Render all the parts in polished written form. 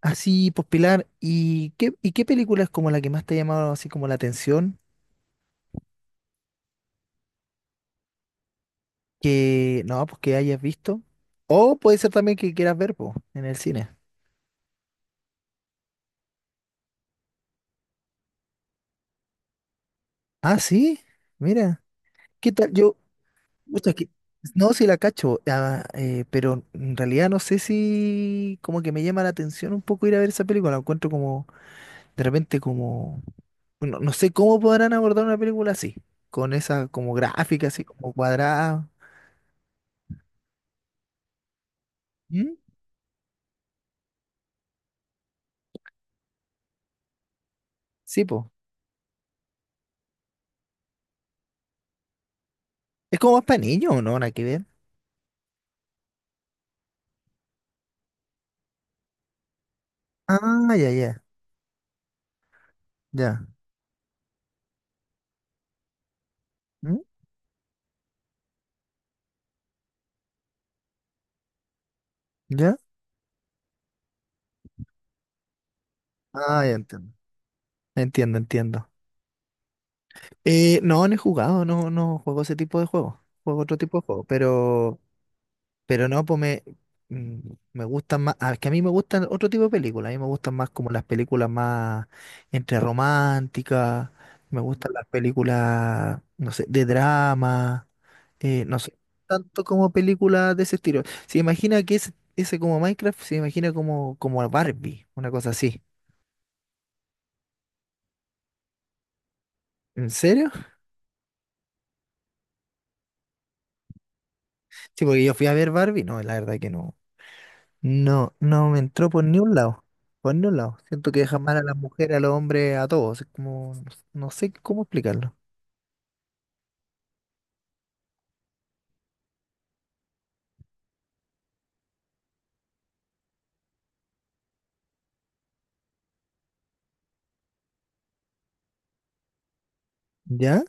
Así, pues Pilar, ¿y qué película es como la que más te ha llamado así como la atención? Que no, pues que hayas visto. O puede ser también que quieras ver, pues, en el cine. Ah, sí, mira, ¿qué tal? Yo, puta, no, si la cacho, pero en realidad no sé si como que me llama la atención un poco ir a ver esa película. La encuentro como, de repente como, no, no sé cómo podrán abordar una película así, con esa como gráfica, así como cuadrada. ¿Mm? Sí, pues. Es como más para niños, ¿no? Nada que ver. Ah, ya, ya, ya. ¿Mm? ¿Ya? Ah, ya entiendo. Entiendo, entiendo. No, no he jugado, no, no juego ese tipo de juegos. Juego otro tipo de juegos, pero no, pues mm, me gustan más. Es que a mí me gustan otro tipo de películas. A mí me gustan más como las películas más entre románticas. Me gustan las películas, no sé, de drama. No sé, tanto como películas de ese estilo. Se imagina que ese como Minecraft, se imagina como Barbie, una cosa así. ¿En serio? Sí, porque yo fui a ver Barbie. No, la verdad que no. No, no me entró por ni un lado. Por ni un lado. Siento que deja mal a las mujeres, a los hombres, a todos. Es como, no sé cómo explicarlo. ¿Ya?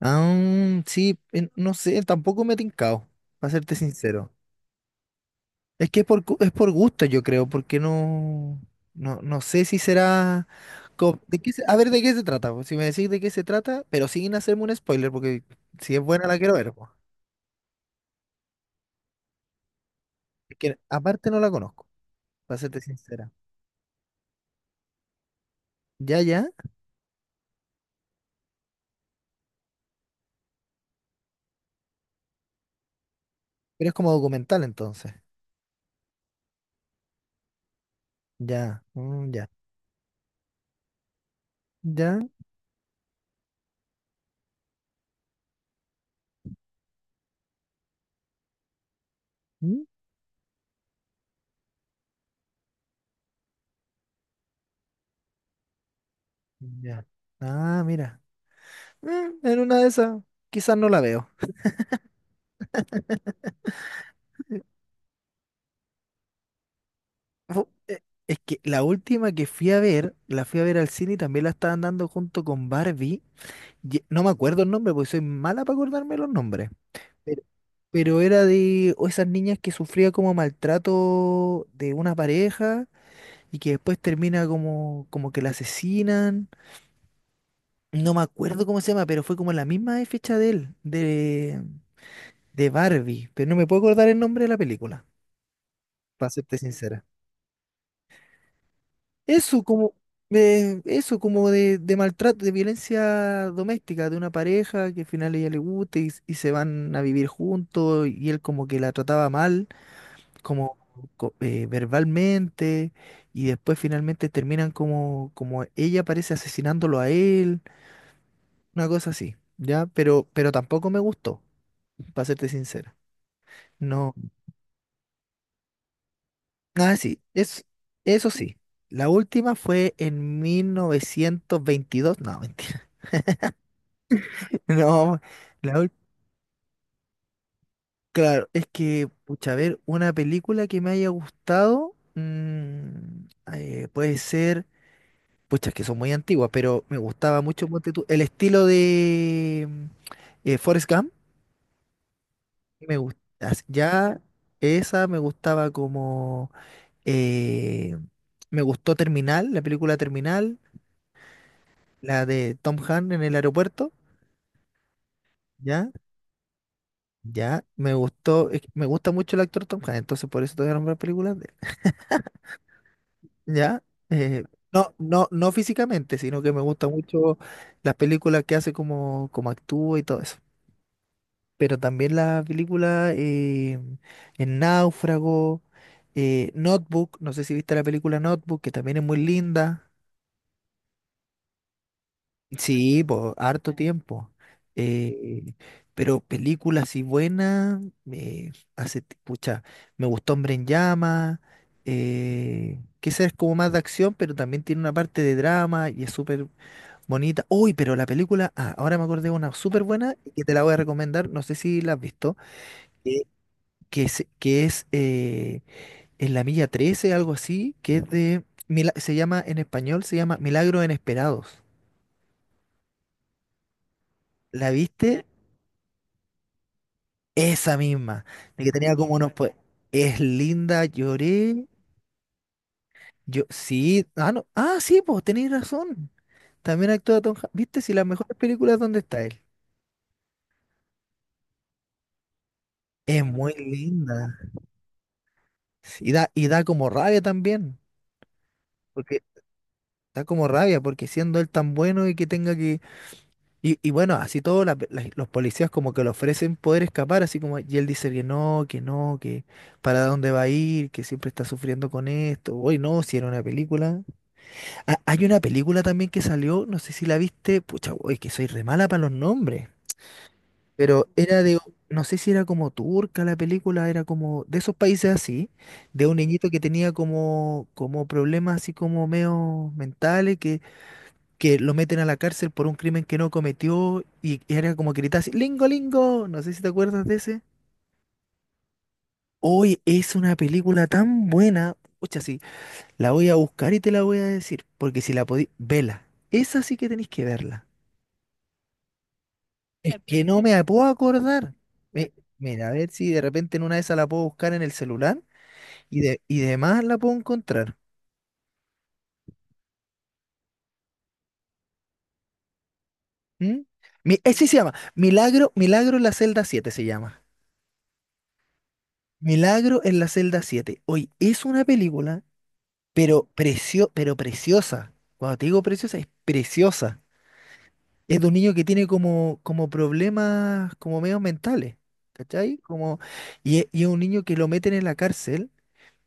Ah, sí, no sé, tampoco me he tincado, para serte sincero. Es que es por gusto, yo creo, porque no, no, no sé si será. A ver, ¿de qué se trata? Pues, si me decís de qué se trata, pero sin hacerme un spoiler, porque si es buena la quiero ver, pues. Es que aparte no la conozco, para serte sincera. Ya, ya. Pero es como documental entonces. Ya, mm, ya, ya, mm, ya. Ah, mira. En una de esas, quizás no la veo. Fu- eh, Es que la última que fui a ver, la fui a ver al cine y también la estaban dando junto con Barbie. No me acuerdo el nombre porque soy mala para acordarme los nombres. Pero, pero era de o esas niñas que sufría como maltrato de una pareja y que después termina como que la asesinan. No me acuerdo cómo se llama, pero fue como la misma fecha de él, de Barbie. Pero no me puedo acordar el nombre de la película, para serte sincera. Eso como, eso como de maltrato, de violencia doméstica, de una pareja que al final a ella le gusta y se van a vivir juntos y él como que la trataba mal, como verbalmente, y después finalmente terminan como ella parece asesinándolo a él, una cosa así, ¿ya? Pero tampoco me gustó. Para serte sincero. No. Ah, sí, es, eso sí. La última fue en 1922. No, mentira. No, la ul- claro, es que, pucha, a ver, una película que me haya gustado, puede ser, pucha, es que son muy antiguas, pero me gustaba mucho, ponte tú, el estilo de Forrest Gump. Me gusta, ya esa me gustaba como, eh, me gustó Terminal, la película Terminal, la de Tom Hanks en el aeropuerto. Ya, ya, me gustó, es que me gusta mucho el actor Tom Hanks, entonces por eso te voy a nombrar películas de él, ya, eh, no, no, no físicamente, sino que me gusta mucho las películas que hace como, como actúa y todo eso, pero también las películas en Náufrago, Notebook. No sé si viste la película Notebook, que también es muy linda. Sí, pues, harto tiempo. Eh, pero películas y buenas, hace, pucha, me gustó Hombre en Llama, que esa es como más de acción, pero también tiene una parte de drama y es súper bonita. Uy, pero la película, ahora me acordé de una súper buena y que te la voy a recomendar, no sé si la has visto, que, que en la milla 13, algo así, que es se llama en español, se llama Milagros Inesperados. ¿La viste? Esa misma, de que tenía como unos pues es linda, lloré. Yo sí, ah no, ah sí, pues tenéis razón. También actúa Tom Hanks. ¿Viste si las mejores películas dónde está él? Es muy linda. Sí, y da como rabia también, porque da como rabia porque siendo él tan bueno y que tenga que y bueno, así todos los policías como que le ofrecen poder escapar, así como y él dice que no, que no, que para dónde va a ir, que siempre está sufriendo con esto. Hoy no, si era una película. Hay una película también que salió, no sé si la viste, pucha, uy, que soy re mala para los nombres, pero era de, no sé si era como turca la película, era como de esos países así, de un niñito que tenía como problemas así como medio mentales, que lo meten a la cárcel por un crimen que no cometió y era como que gritaba así, Lingo, Lingo, no sé si te acuerdas de ese. Hoy es una película tan buena, pucha, sí, la voy a buscar y te la voy a decir, porque si la podí, vela, esa sí que tenéis que verla. Es que no me puedo acordar. Mi- Mira, a ver si de repente en una de esas la puedo buscar en el celular y de más la puedo encontrar. ¿Mm? Ese se llama Milagro en la celda siete se llama. Milagro en la celda siete. Hoy es una película, pero preciosa. Cuando te digo preciosa. Es de un niño que tiene como problemas como medios mentales. ¿Cachai? Como, y es un niño que lo meten en la cárcel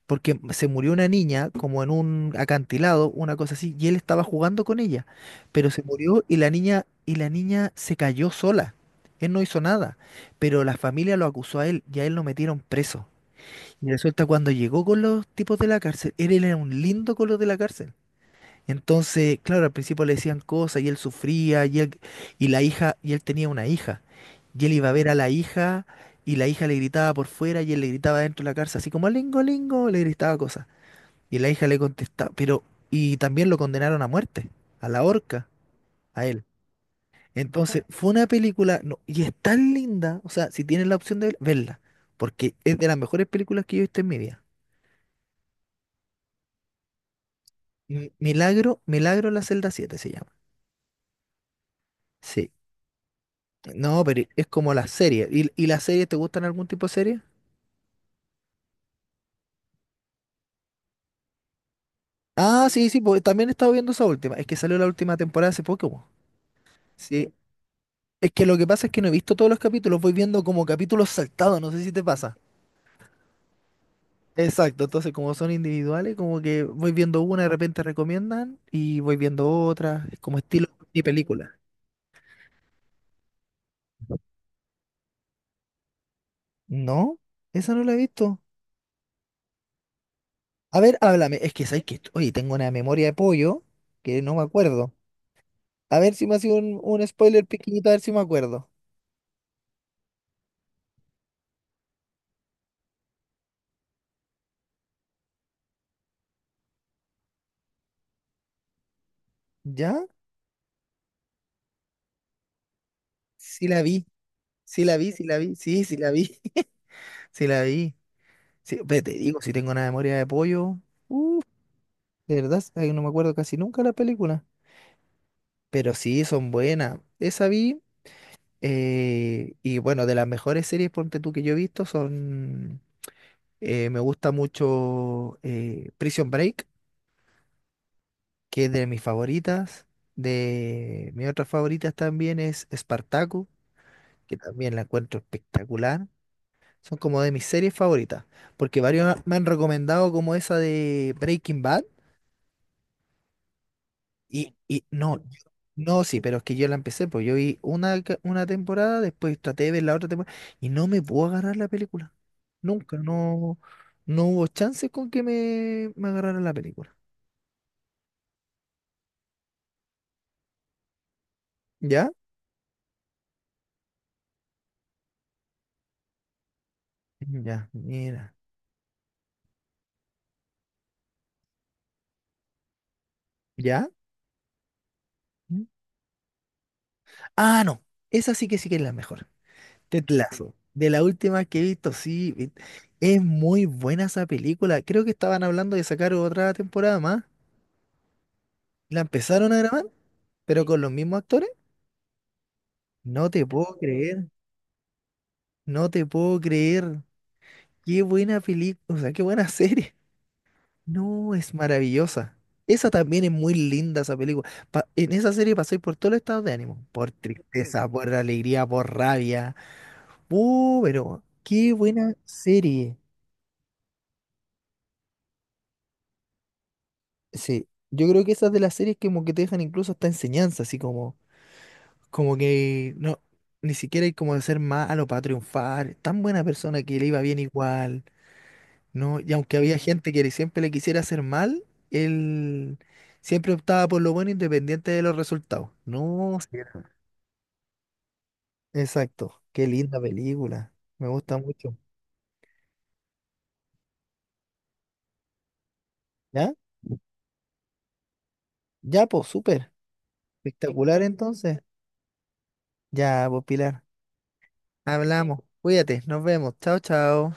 porque se murió una niña como en un acantilado, una cosa así, y él estaba jugando con ella, pero se murió y la niña se cayó sola. Él no hizo nada, pero la familia lo acusó a él y a él lo metieron preso. Y resulta cuando llegó con los tipos de la cárcel, él era un lindo con los de la cárcel. Entonces, claro, al principio le decían cosas y él sufría y la hija y él tenía una hija. Y él iba a ver a la hija y la hija le gritaba por fuera y él le gritaba dentro de la cárcel, así como lingo, lingo, le gritaba cosas. Y la hija le contesta, pero, y también lo condenaron a muerte, a la horca, a él. Entonces, fue una película, no, y es tan linda, o sea, si tienes la opción de verla, porque es de las mejores películas que yo he visto en mi vida. Milagro en la celda siete se llama. Sí. No, pero es como la serie. ¿Y las series, te gustan algún tipo de serie? Ah, sí, sí, pues también he estado viendo esa última. Es que salió la última temporada hace poco, po. Sí. Es que lo que pasa es que no he visto todos los capítulos, voy viendo como capítulos saltados, no sé si te pasa. Exacto, entonces como son individuales, como que voy viendo una, de repente recomiendan y voy viendo otra, es como estilo y película. No, esa no la he visto. A ver, háblame, es que sabes que, oye, tengo una memoria de pollo que no me acuerdo. A ver si me ha sido un spoiler pequeñito, a ver si me acuerdo. ¿Ya? Sí la vi, sí la vi, sí la vi, sí, sí la vi, sí la vi. Sí, ve, te digo, si tengo una memoria de pollo, de verdad, sabes no me acuerdo casi nunca la película. Pero sí, son buenas. Esa vi. Y bueno, de las mejores series, ponte tú, que yo he visto son, me gusta mucho Prison Break, que es de mis favoritas. De mis otras favoritas también es Spartacus, que también la encuentro espectacular. Son como de mis series favoritas, porque varios me han recomendado como esa de Breaking Bad. Y no, no, sí, pero es que yo la empecé, pues yo vi una temporada, después traté de ver la otra temporada y no me puedo agarrar la película. Nunca, no, no hubo chances con que me agarrara la película. ¿Ya? Mm, ya, mira. ¿Ya? ¿Mm? Ah, no, esa sí que es la mejor. Ted Lasso, de la última que he visto, sí, es muy buena esa película. Creo que estaban hablando de sacar otra temporada más. La empezaron a grabar, pero con los mismos actores. No te puedo creer. No te puedo creer. Qué buena película, o sea, qué buena serie. No, es maravillosa. Esa también es muy linda, esa película. En esa serie pasé por todos los estados de ánimo. Por tristeza, por alegría, por rabia. Pero qué buena serie. Sí, yo creo que esas de las series que como que te dejan incluso hasta enseñanza, así como, como que no, ni siquiera hay como de ser malo para triunfar. Tan buena persona que le iba bien igual. No, y aunque había gente que siempre le quisiera hacer mal, él siempre optaba por lo bueno independiente de los resultados. No, sí, exacto. Qué linda película. Me gusta mucho. ¿Ya? Ya, pues, súper. Espectacular entonces. Ya, pues, Pilar. Hablamos. Cuídate. Nos vemos. Chao, chao.